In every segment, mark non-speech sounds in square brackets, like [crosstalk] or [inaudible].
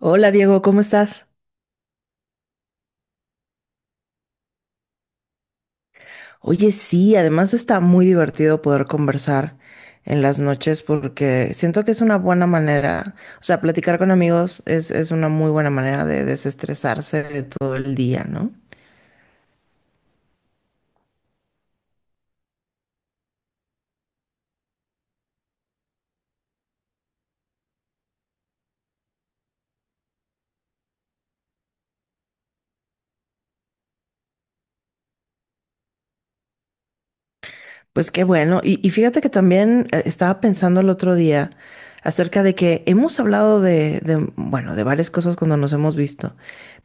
Hola Diego, ¿cómo estás? Oye, sí, además está muy divertido poder conversar en las noches porque siento que es una buena manera, o sea, platicar con amigos es una muy buena manera de desestresarse de todo el día, ¿no? Pues qué bueno, y fíjate que también estaba pensando el otro día acerca de que hemos hablado de, bueno, de varias cosas cuando nos hemos visto,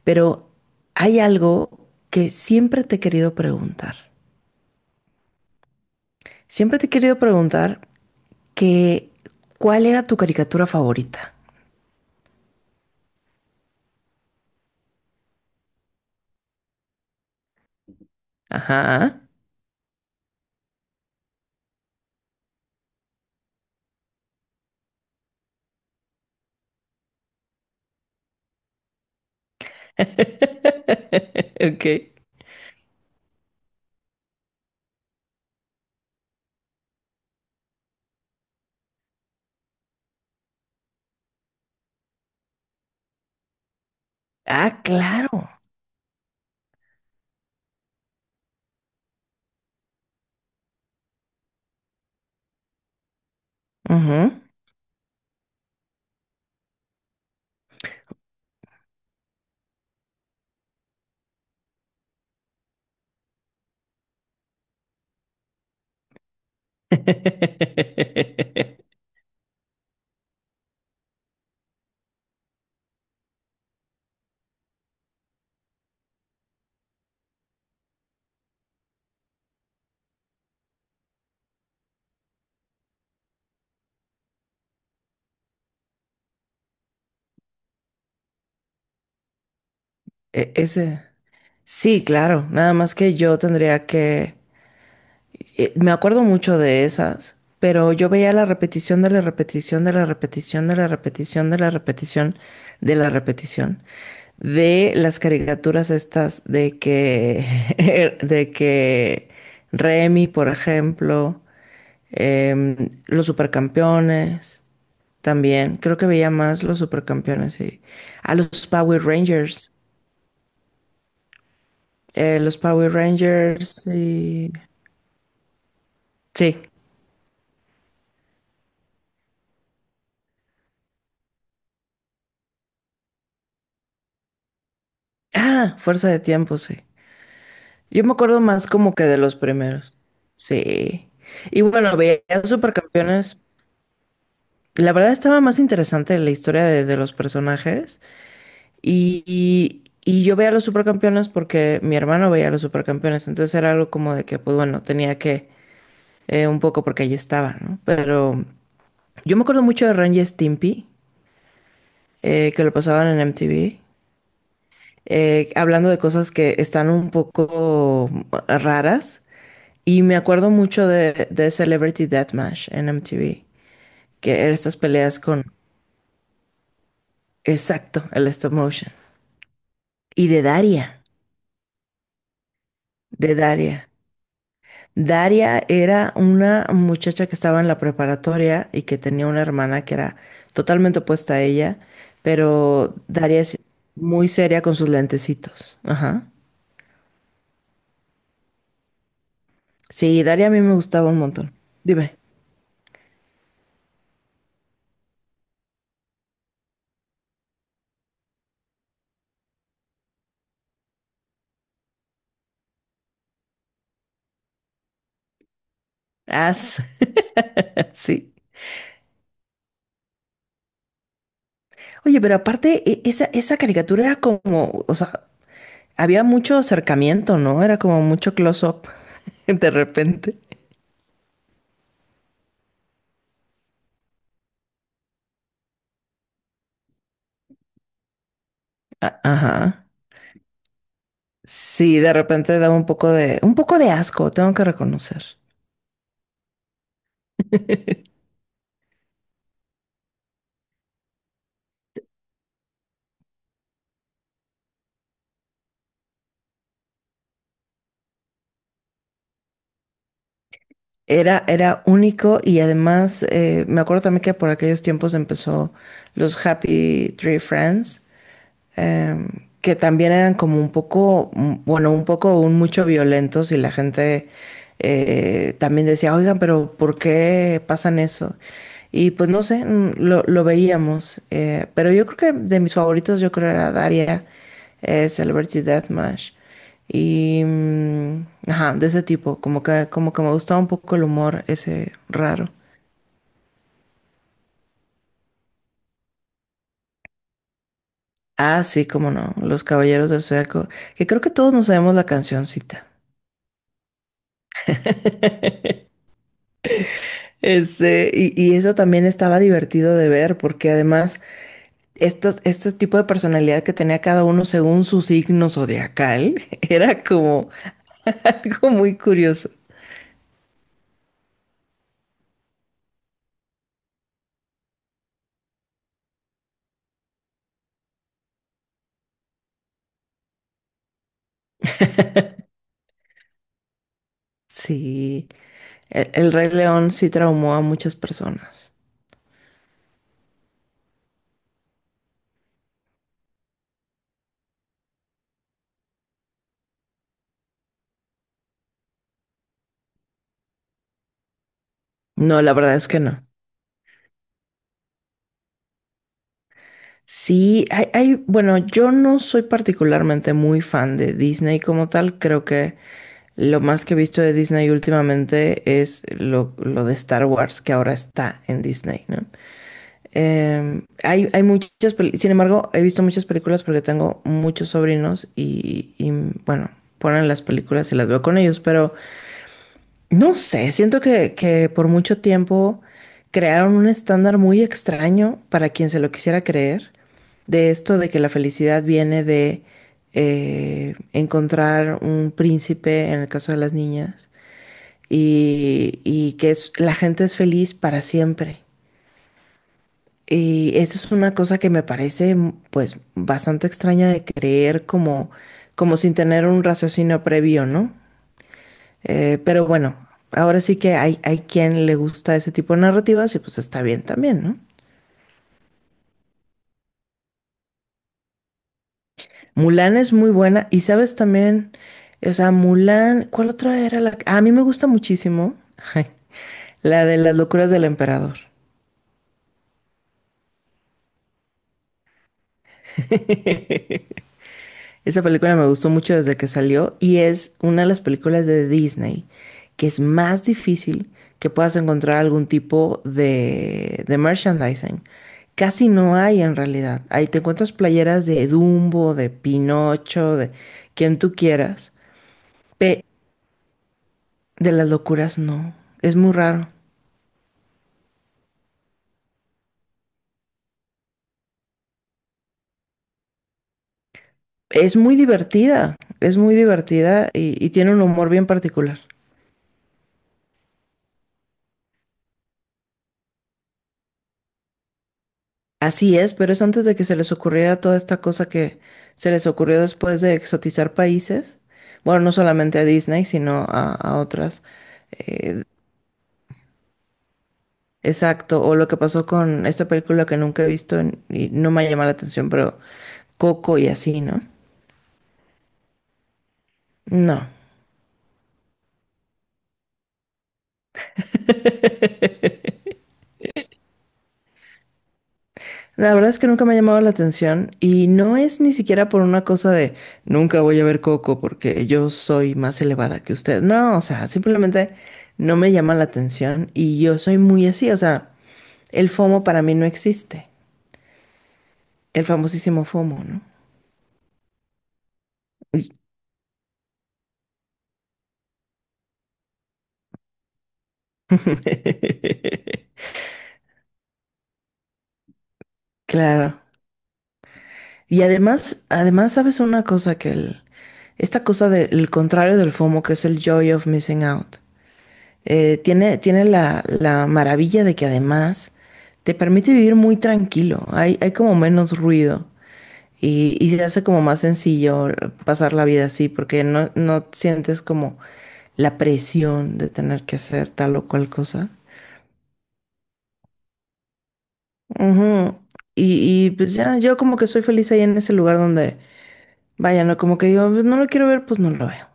pero hay algo que siempre te he querido preguntar. Siempre te he querido preguntar que ¿cuál era tu caricatura favorita? Ajá. [laughs] Ok. Ah, claro. Ujú. [laughs] Ese. Sí, claro. Nada más que yo tendría que. Me acuerdo mucho de esas, pero yo veía la repetición de la repetición de la repetición de la repetición de la repetición de la repetición de las caricaturas estas de que [laughs] de que Remy, por ejemplo, em, los Supercampeones también. Creo que veía más los Supercampeones y a los Power Rangers y sí. Ah, Fuerza de Tiempo, sí. Yo me acuerdo más como que de los primeros. Sí. Y bueno, veía Supercampeones. La verdad estaba más interesante la historia de los personajes. Y yo veía los Supercampeones porque mi hermano veía los Supercampeones. Entonces era algo como de que, pues bueno, tenía que un poco porque allí estaba, ¿no? Pero yo me acuerdo mucho de Ren y Stimpy, que lo pasaban en MTV, hablando de cosas que están un poco raras. Y me acuerdo mucho de Celebrity Deathmatch en MTV, que eran estas peleas con, exacto, el stop motion. Y de Daria. Daria era una muchacha que estaba en la preparatoria y que tenía una hermana que era totalmente opuesta a ella, pero Daria es muy seria con sus lentecitos. Ajá. Sí, Daria a mí me gustaba un montón. Dime. Ah, sí. [laughs] Sí. Oye, pero aparte, esa caricatura era como, o sea, había mucho acercamiento, ¿no? Era como mucho close-up [laughs] de repente. Ajá. Sí, de repente daba un poco de asco, tengo que reconocer. Era único y además me acuerdo también que por aquellos tiempos empezó los Happy Tree Friends. em, que también eran como un poco, bueno, un poco, un mucho violentos y la gente también decía, oigan, pero ¿por qué pasan eso? Y pues no sé, lo veíamos, pero yo creo que de mis favoritos yo creo era Daria, Celebrity Deathmatch. Y, ajá, de ese tipo, como que me gustaba un poco el humor ese raro. Ah, sí, cómo no, Los Caballeros del Zodiaco, que creo que todos nos sabemos la cancioncita. [laughs] Este, y eso también estaba divertido de ver, porque además estos, este tipo de personalidad que tenía cada uno según su signo zodiacal [laughs] era como algo muy curioso. [laughs] Sí, el Rey León sí traumó a muchas personas. No, la verdad es que no. Sí, hay, bueno, yo no soy particularmente muy fan de Disney como tal. Creo que lo más que he visto de Disney últimamente es lo de Star Wars, que ahora está en Disney, ¿no? Hay muchas, sin embargo, he visto muchas películas porque tengo muchos sobrinos y, bueno, ponen las películas y las veo con ellos, pero no sé, siento que por mucho tiempo crearon un estándar muy extraño para quien se lo quisiera creer, de esto de que la felicidad viene de encontrar un príncipe, en el caso de las niñas, y la gente es feliz para siempre. Y eso es una cosa que me parece pues bastante extraña de creer como sin tener un raciocinio previo, ¿no? Pero bueno, ahora sí que hay quien le gusta ese tipo de narrativas y pues está bien también, ¿no? Mulan es muy buena y sabes también, o sea, Mulan, ¿cuál otra era la que? Ah, a mí me gusta muchísimo, [laughs] la de las locuras del emperador. Esa película me gustó mucho desde que salió y es una de las películas de Disney que es más difícil que puedas encontrar algún tipo de merchandising. Casi no hay en realidad. Ahí te encuentras playeras de Dumbo, de Pinocho, de quien tú quieras. Pe- de las locuras no. Es muy raro. Es muy divertida. Es muy divertida y tiene un humor bien particular. Así es, pero es antes de que se les ocurriera toda esta cosa que se les ocurrió después de exotizar países. Bueno, no solamente a Disney, sino a otras. Exacto, o lo que pasó con esta película que nunca he visto y no me ha llamado la atención, pero Coco y así, ¿no? No. La verdad es que nunca me ha llamado la atención y no es ni siquiera por una cosa de nunca voy a ver Coco porque yo soy más elevada que usted. No, o sea, simplemente no me llama la atención y yo soy muy así, o sea. El FOMO para mí no existe. El famosísimo FOMO, ¿no? [laughs] Claro. Y además, además, ¿sabes una cosa? Que esta cosa del contrario del FOMO, que es el joy of missing out, tiene la maravilla de que además te permite vivir muy tranquilo. Hay como menos ruido y se hace como más sencillo pasar la vida así, porque no sientes como la presión de tener que hacer tal o cual cosa. Ujú. Y pues ya, yo como que soy feliz ahí en ese lugar donde, vaya, no, como que digo, "Pues, no lo quiero ver, pues no lo veo."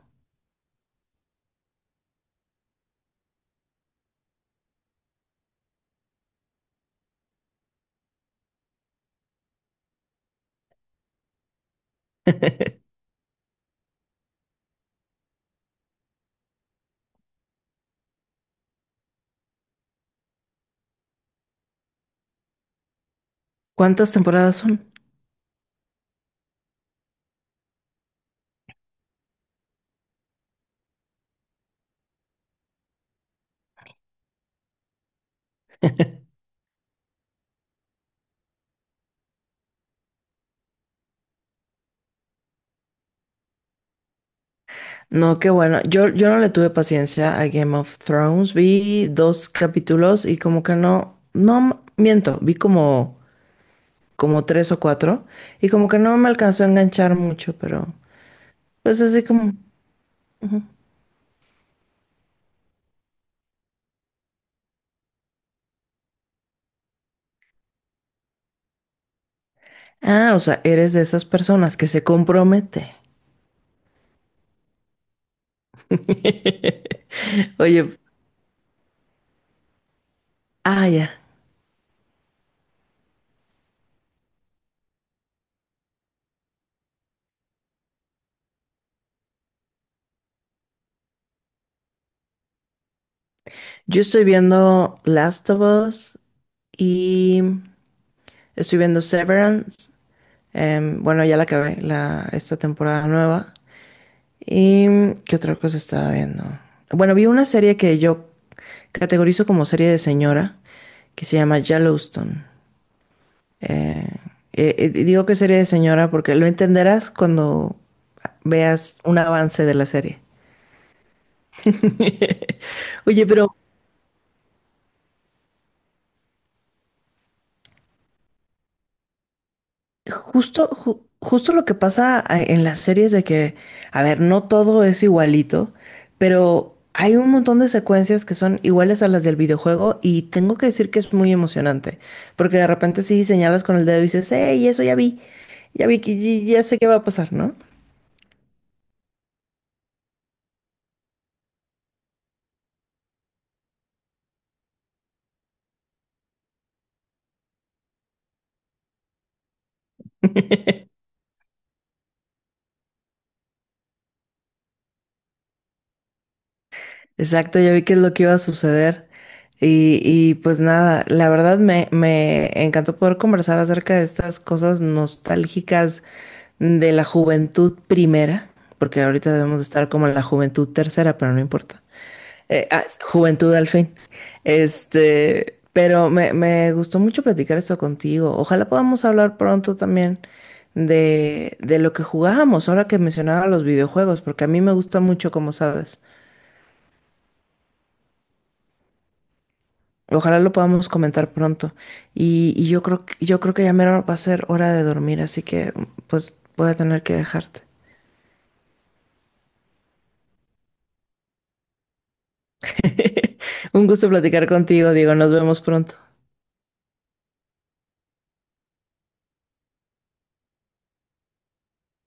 ¿Cuántas temporadas son? No, qué bueno. Yo no le tuve paciencia a Game of Thrones. Vi dos capítulos y como que no miento, vi como tres o cuatro y como que no me alcanzó a enganchar mucho, pero pues así como, ah, o sea, eres de esas personas que se compromete. [laughs] Oye, ah, ya. Yo estoy viendo Last of Us y estoy viendo Severance. Bueno, ya la acabé, esta temporada nueva. ¿Y qué otra cosa estaba viendo? Bueno, vi una serie que yo categorizo como serie de señora, que se llama Yellowstone. Eh, Digo que serie de señora porque lo entenderás cuando veas un avance de la serie. [laughs] Oye, pero justo lo que pasa en las series de que, a ver, no todo es igualito, pero hay un montón de secuencias que son iguales a las del videojuego y tengo que decir que es muy emocionante, porque de repente sí señalas con el dedo y dices, hey, eso ya vi que ya sé qué va a pasar, ¿no? Exacto, ya vi qué es lo que iba a suceder. Y pues nada, la verdad me encantó poder conversar acerca de estas cosas nostálgicas de la juventud primera, porque ahorita debemos de estar como en la juventud tercera, pero no importa. Ah, juventud al fin. Este, pero me gustó mucho platicar esto contigo. Ojalá podamos hablar pronto también de lo que jugábamos, ahora que mencionaba los videojuegos, porque a mí me gusta mucho, como sabes. Ojalá lo podamos comentar pronto. Y yo creo que ya mero va a ser hora de dormir, así que pues voy a tener que dejarte. [laughs] Un gusto platicar contigo, Diego. Nos vemos pronto.